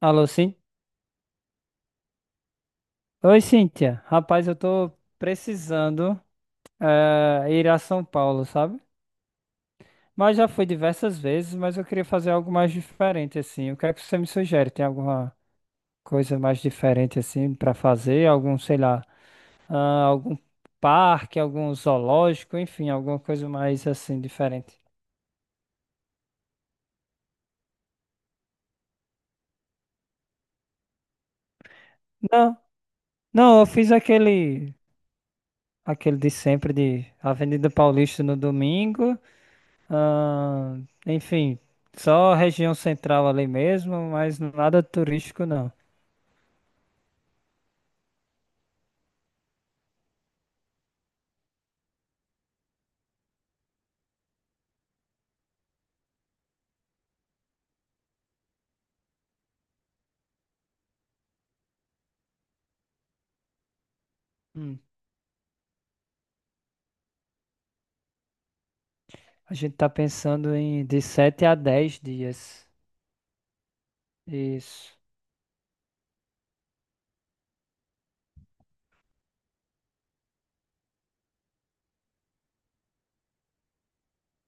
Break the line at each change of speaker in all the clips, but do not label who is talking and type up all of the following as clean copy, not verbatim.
Alô, sim? Oi, Cíntia. Rapaz, eu tô precisando ir a São Paulo, sabe? Mas já fui diversas vezes, mas eu queria fazer algo mais diferente, assim. O que é que você me sugere? Tem alguma coisa mais diferente, assim, pra fazer? Algum, sei lá, ah, algum parque, algum zoológico, enfim, alguma coisa mais, assim, diferente. Não, não, eu fiz aquele, aquele de sempre de Avenida Paulista no domingo. Enfim, só região central ali mesmo, mas nada turístico não. Hum, a gente tá pensando em de 7 a 10 dias. Isso.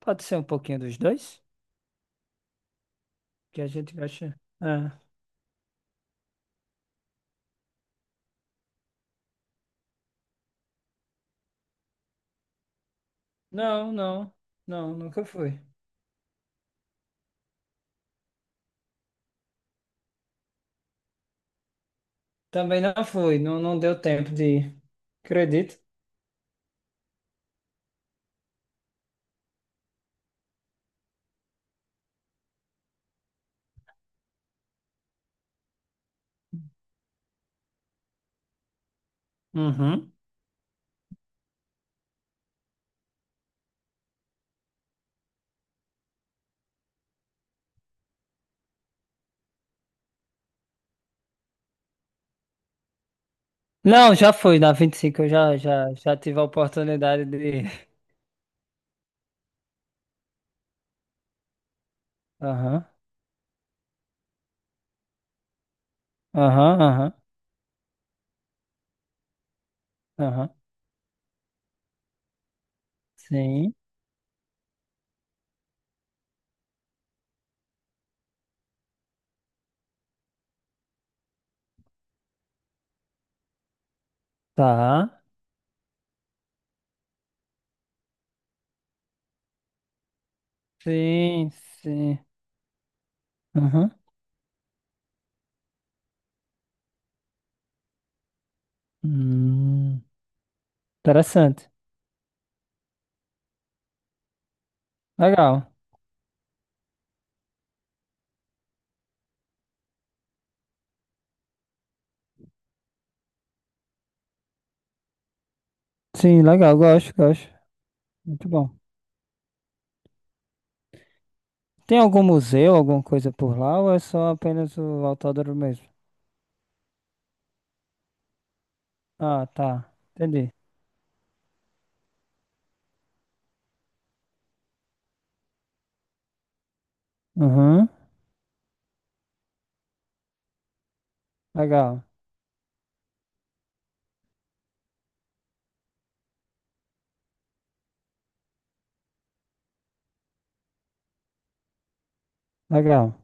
Pode ser um pouquinho dos dois? Que a gente gasta. Ah, não, não, não, nunca fui. Também não fui, não, não deu tempo de ir. Acredito. Uhum. Não, já fui na 25, eu já tive a oportunidade de ir. Aham, aham, aham, aham. Sim, tá. Sim, sim. Aham. Hum, interessante. Legal. Sim, legal. Gosto, gosto. Muito bom. Tem algum museu, alguma coisa por lá ou é só apenas o autódromo mesmo? Ah, tá. Entendi. Uhum. Legal. Legal.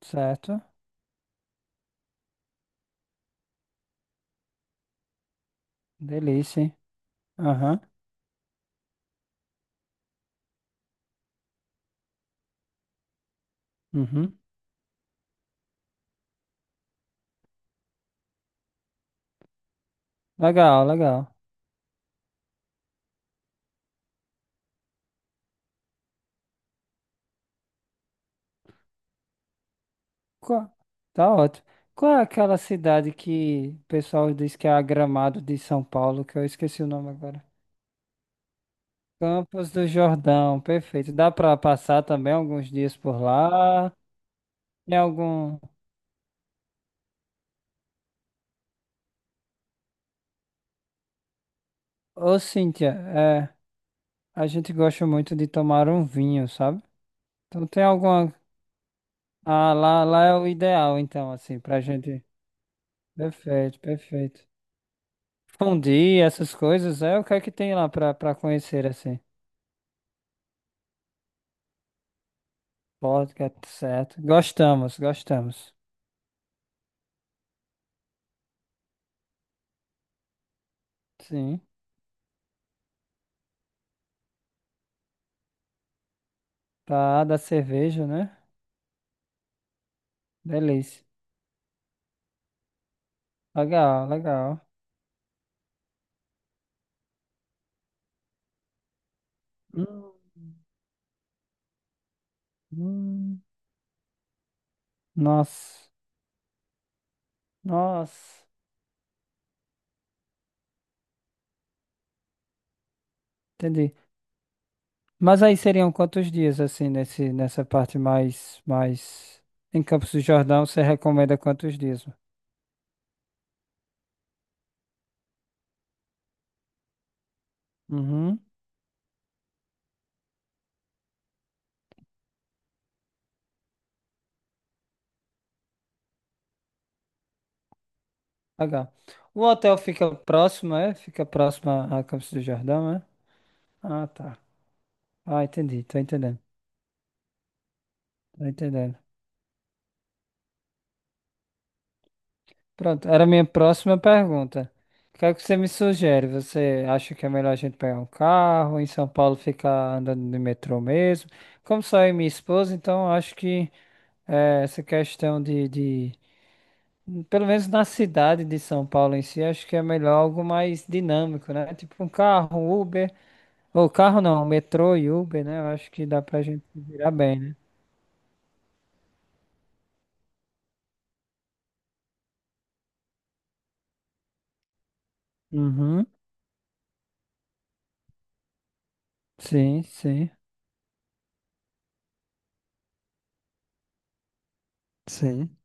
Certo. Delícia, hein? Aham. Uhum. Legal, legal. Qual- Tá ótimo. Qual é aquela cidade que o pessoal diz que é a Gramado de São Paulo, que eu esqueci o nome agora? Campos do Jordão, perfeito. Dá para passar também alguns dias por lá. Tem algum. Ô, Cíntia, é, a gente gosta muito de tomar um vinho, sabe? Então tem alguma. Ah, lá, lá é o ideal, então, assim, pra gente. Perfeito, perfeito. Fundir essas coisas, é o que é que tem lá pra conhecer, assim? Vodka, certo. Gostamos, gostamos. Sim. Tá, da cerveja, né? Delícia. Legal, legal. Hum. Hum. Nossa, nossa, entendi. Mas aí seriam quantos dias assim nesse nessa parte mais em Campos do Jordão, você recomenda quantos dias? Uhum. Legal. O hotel fica próximo, é? Fica próximo a Campos do Jordão, é? Ah, tá. Ah, entendi, tô entendendo. Tô entendendo. Pronto, era a minha próxima pergunta. O que é que você me sugere? Você acha que é melhor a gente pegar um carro em São Paulo ficar andando de metrô mesmo? Como só eu e minha esposa, então acho que é, essa questão de, pelo menos na cidade de São Paulo em si, acho que é melhor algo mais dinâmico, né? Tipo um carro, um Uber, ou carro não, um metrô e Uber, né? Eu acho que dá pra gente se virar bem, né? Uhum. Sim, sim. Sim,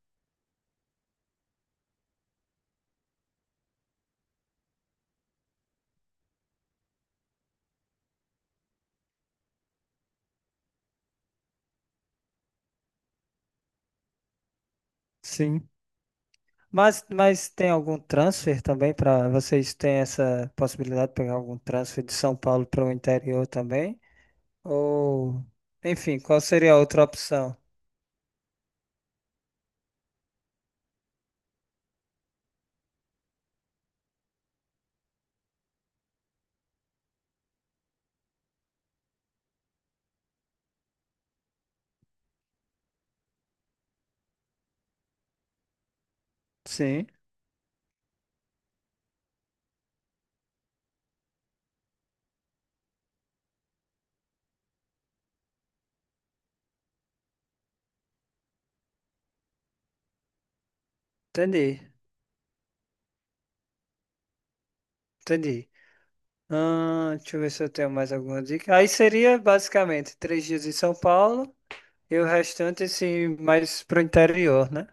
sim. Mas tem algum transfer também, para vocês têm essa possibilidade de pegar algum transfer de São Paulo para o interior também? Ou, enfim, qual seria a outra opção? Sim, entendi, entendi. Ah, deixa eu ver se eu tenho mais alguma dica. Aí seria basicamente 3 dias em São Paulo e o restante assim mais pro interior, né?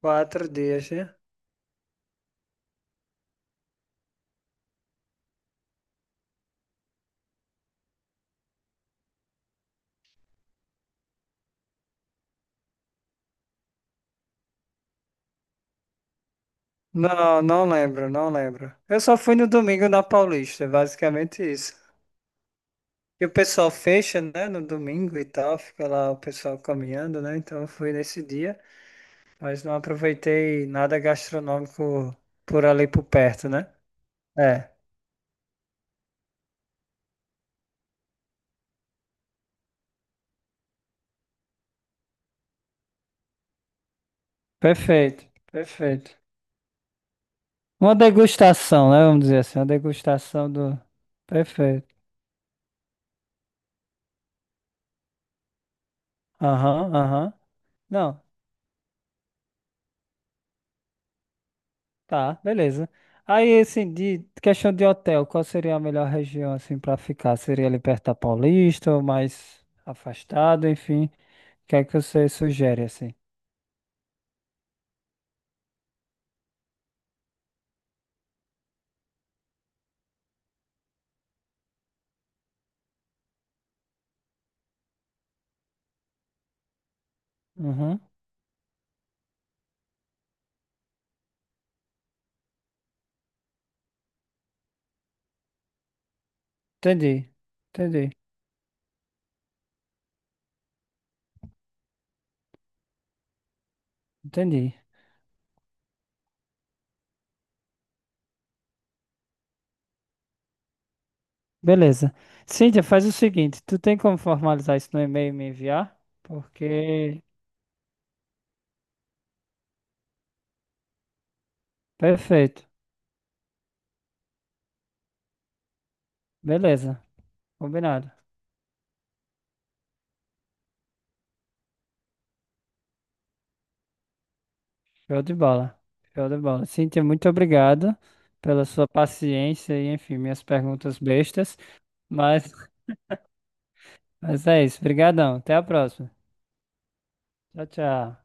4 dias, né? Não, não lembro, não lembro. Eu só fui no domingo na Paulista, é basicamente isso. E o pessoal fecha, né, no domingo e tal, fica lá o pessoal caminhando, né? Então eu fui nesse dia, mas não aproveitei nada gastronômico por ali por perto, né? É, perfeito, perfeito. Uma degustação, né? Vamos dizer assim, uma degustação do. Perfeito. Aham, aham. Não, tá, beleza. Aí, assim, de questão de hotel, qual seria a melhor região, assim, para ficar? Seria ali perto da Paulista ou mais afastado, enfim? O que é que você sugere, assim? Uhum. Entendi, entendi, entendi. Beleza. Cíntia, faz o seguinte: tu tem como formalizar isso no e-mail e me enviar? Porque. Perfeito, beleza, combinado. Show de bola. Show de bola. Cíntia, muito obrigado pela sua paciência e, enfim, minhas perguntas bestas. Mas, mas é isso. Obrigadão. Até a próxima. Tchau, tchau.